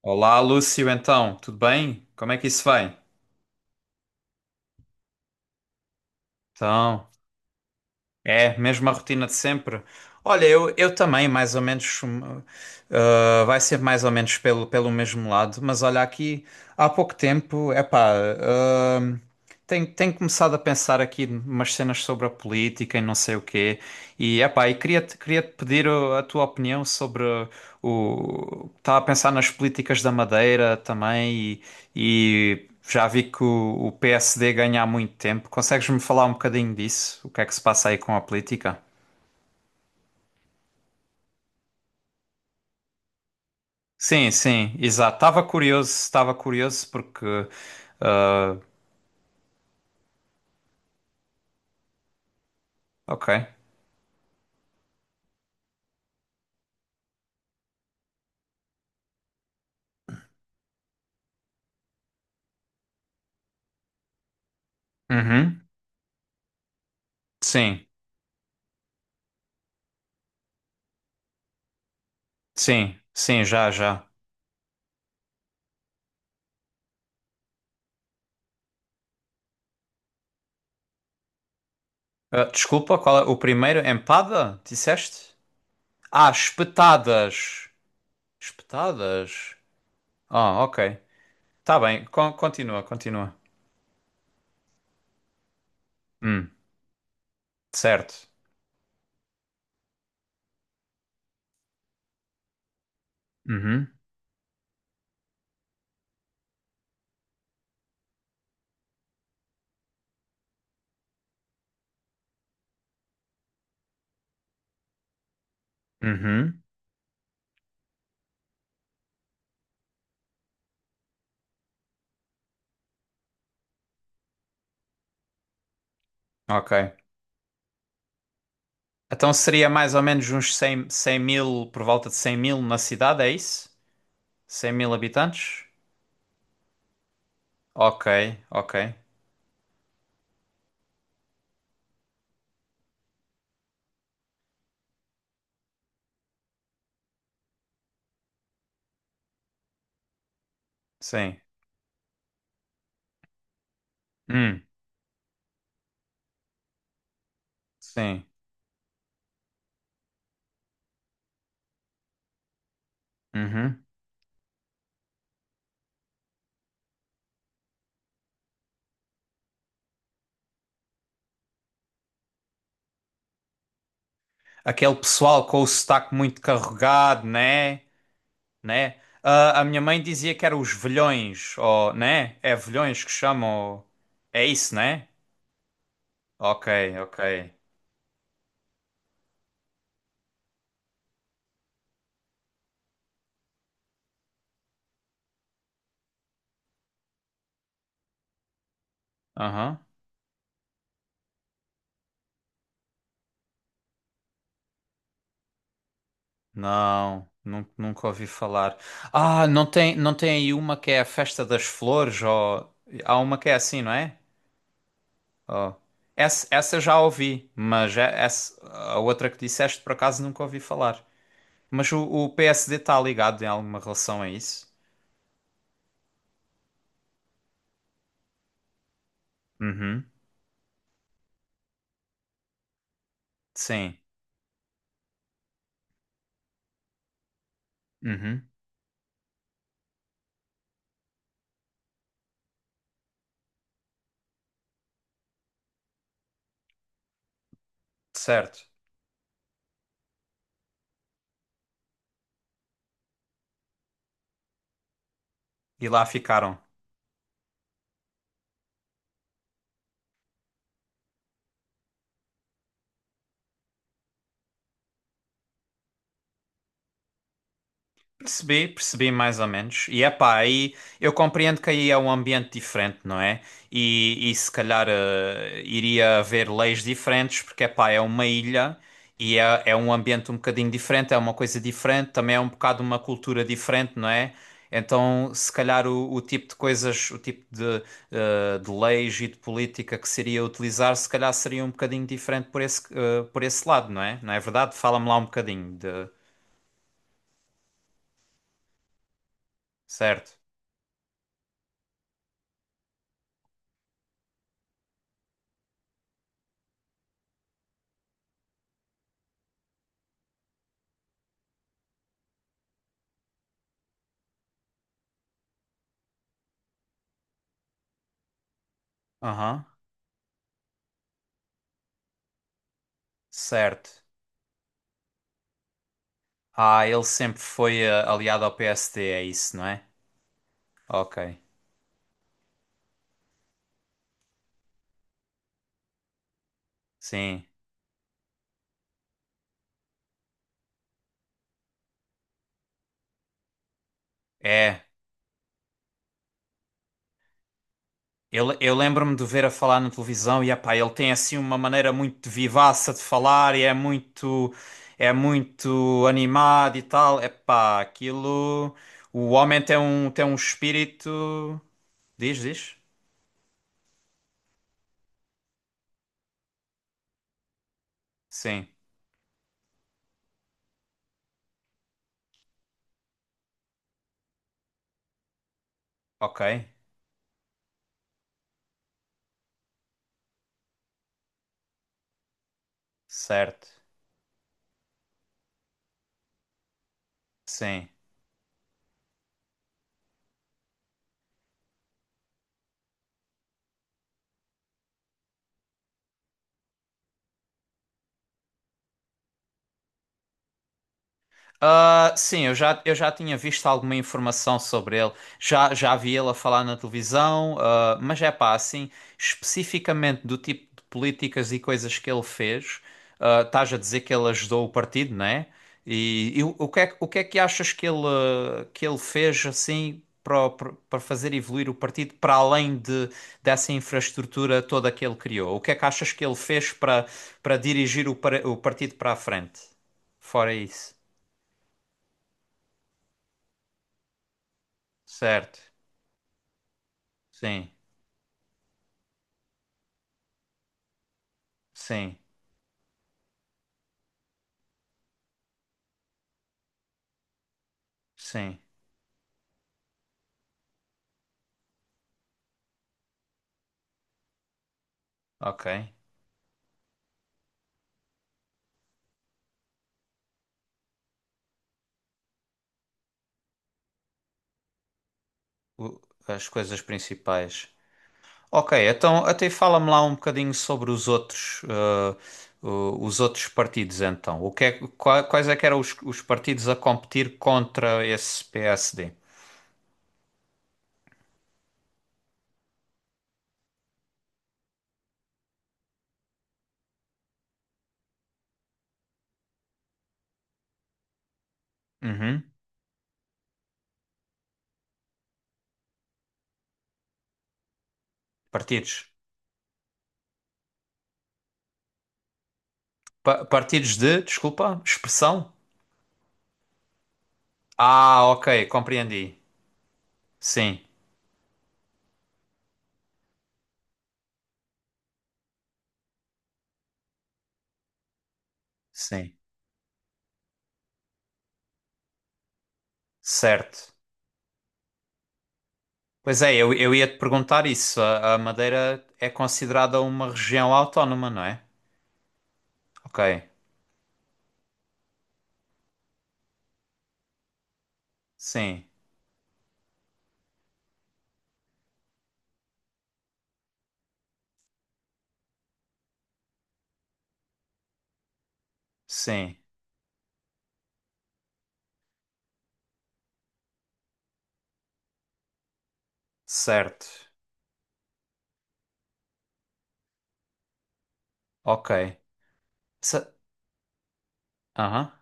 Olá, Lúcio, então, tudo bem? Como é que isso vai? Então, é, mesma rotina de sempre. Olha, eu também, mais ou menos, vai ser mais ou menos pelo mesmo lado, mas olha, aqui há pouco tempo, epá, hum, tenho começado a pensar aqui umas cenas sobre a política e não sei o quê, e epá, e queria-te pedir a tua opinião sobre o... Estava a pensar nas políticas da Madeira também e já vi que o PSD ganha há muito tempo. Consegues-me falar um bocadinho disso? O que é que se passa aí com a política? Sim, sim, exato. Estava curioso porque. Ah, ok. Uhum. Sim, sim, sim, já, já. Ah, desculpa, qual é o primeiro? Empada? Disseste? Ah, espetadas. Espetadas? Ah, ok. Tá bem, continua, continua. Hum, certo. Uhum, uhum, ok. Então seria mais ou menos uns cem 100 mil, por volta de 100 mil na cidade, é isso? Cem mil habitantes? Ok, ok. Sim. Hum, sim. Uhum. Aquele pessoal com o sotaque muito carregado, né? Né? Ah, a minha mãe dizia que eram os velhões, ou, né? É velhões que chamam. É isso, né? Ok, ok. Aham. Não, nunca ouvi falar. Ah, não tem, não tem aí uma que é a Festa das Flores, ou há uma que é assim, não é? Oh. Essa já ouvi, mas essa, a outra que disseste por acaso nunca ouvi falar. Mas o PSD está ligado em alguma relação a isso? Uhum, sim, uhum, certo. E lá ficaram. Percebi, percebi mais ou menos. E é pá, aí eu compreendo que aí é um ambiente diferente, não é? E se calhar iria haver leis diferentes, porque é pá, é uma ilha e é, é um ambiente um bocadinho diferente, é uma coisa diferente, também é um bocado uma cultura diferente, não é? Então, se calhar o tipo de coisas, o tipo de, de leis e de política que seria utilizar, se calhar seria um bocadinho diferente por esse, por esse lado, não é? Não é verdade? Fala-me lá um bocadinho de... Certo. Aham. Certo. Ah, ele sempre foi aliado ao PSD, é isso, não é? Ok. Sim. É. Eu lembro-me de o ver a falar na televisão e, epá, ele tem assim uma maneira muito vivaça de falar e é muito animado e tal. Epá, aquilo... O homem tem um espírito... Diz, diz? Sim. Ok. Certo. Sim. Ah, sim, eu já tinha visto alguma informação sobre ele, já, já vi ele a falar na televisão, ah, mas é pá, assim, especificamente do tipo de políticas e coisas que ele fez, ah, estás a dizer que ele ajudou o partido, não é? E o que é, o que é que achas que ele, ah, que ele fez assim para, para para fazer evoluir o partido para além de, dessa infraestrutura toda que ele criou? O que é que achas que ele fez para, para dirigir o partido para a frente? Fora isso. Certo. Sim, sim, sim. Ok. O- As coisas principais. Ok, então até fala-me lá um bocadinho sobre os outros, os outros partidos então. O que quais é que eram os partidos a competir contra esse PSD? Uhum. Partidos. Partidos de, desculpa, expressão? Ah, ok, compreendi. Sim, sim. Certo. Pois é, eu ia te perguntar isso. A Madeira é considerada uma região autónoma, não é? Ok. Sim, sim, certo. Ok. Se- Aham.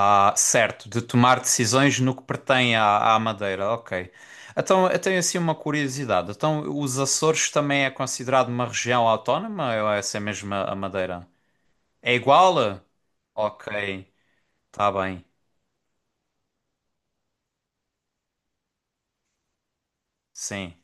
Ah, certo, de tomar decisões no que pertém à, à Madeira, ok. Então, eu tenho assim uma curiosidade. Então, os Açores também é considerado uma região autónoma ou é essa mesmo a Madeira? É igual? Ok, tá bem. Sim,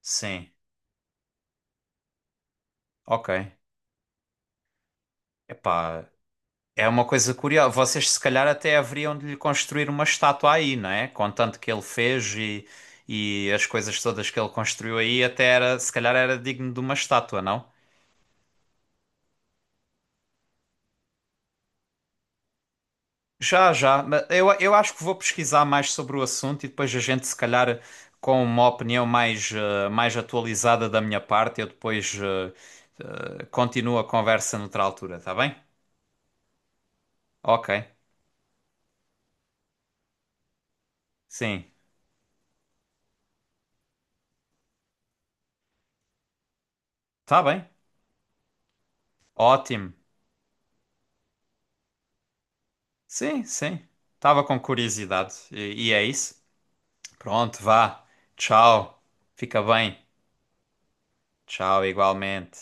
sim, ok. Epá. É uma coisa curiosa. Vocês, se calhar, até haveriam de lhe construir uma estátua aí, não é? Com tanto que ele fez e as coisas todas que ele construiu aí, até era, se calhar, era digno de uma estátua, não? Já, já. Mas eu acho que vou pesquisar mais sobre o assunto e depois a gente, se calhar, com uma opinião mais, mais atualizada da minha parte, eu depois continuo a conversa noutra altura, tá bem? Ok. Sim. Tá bem. Ótimo. Sim, sim. Tava com curiosidade. E é isso. Pronto, vá. Tchau. Fica bem. Tchau, igualmente.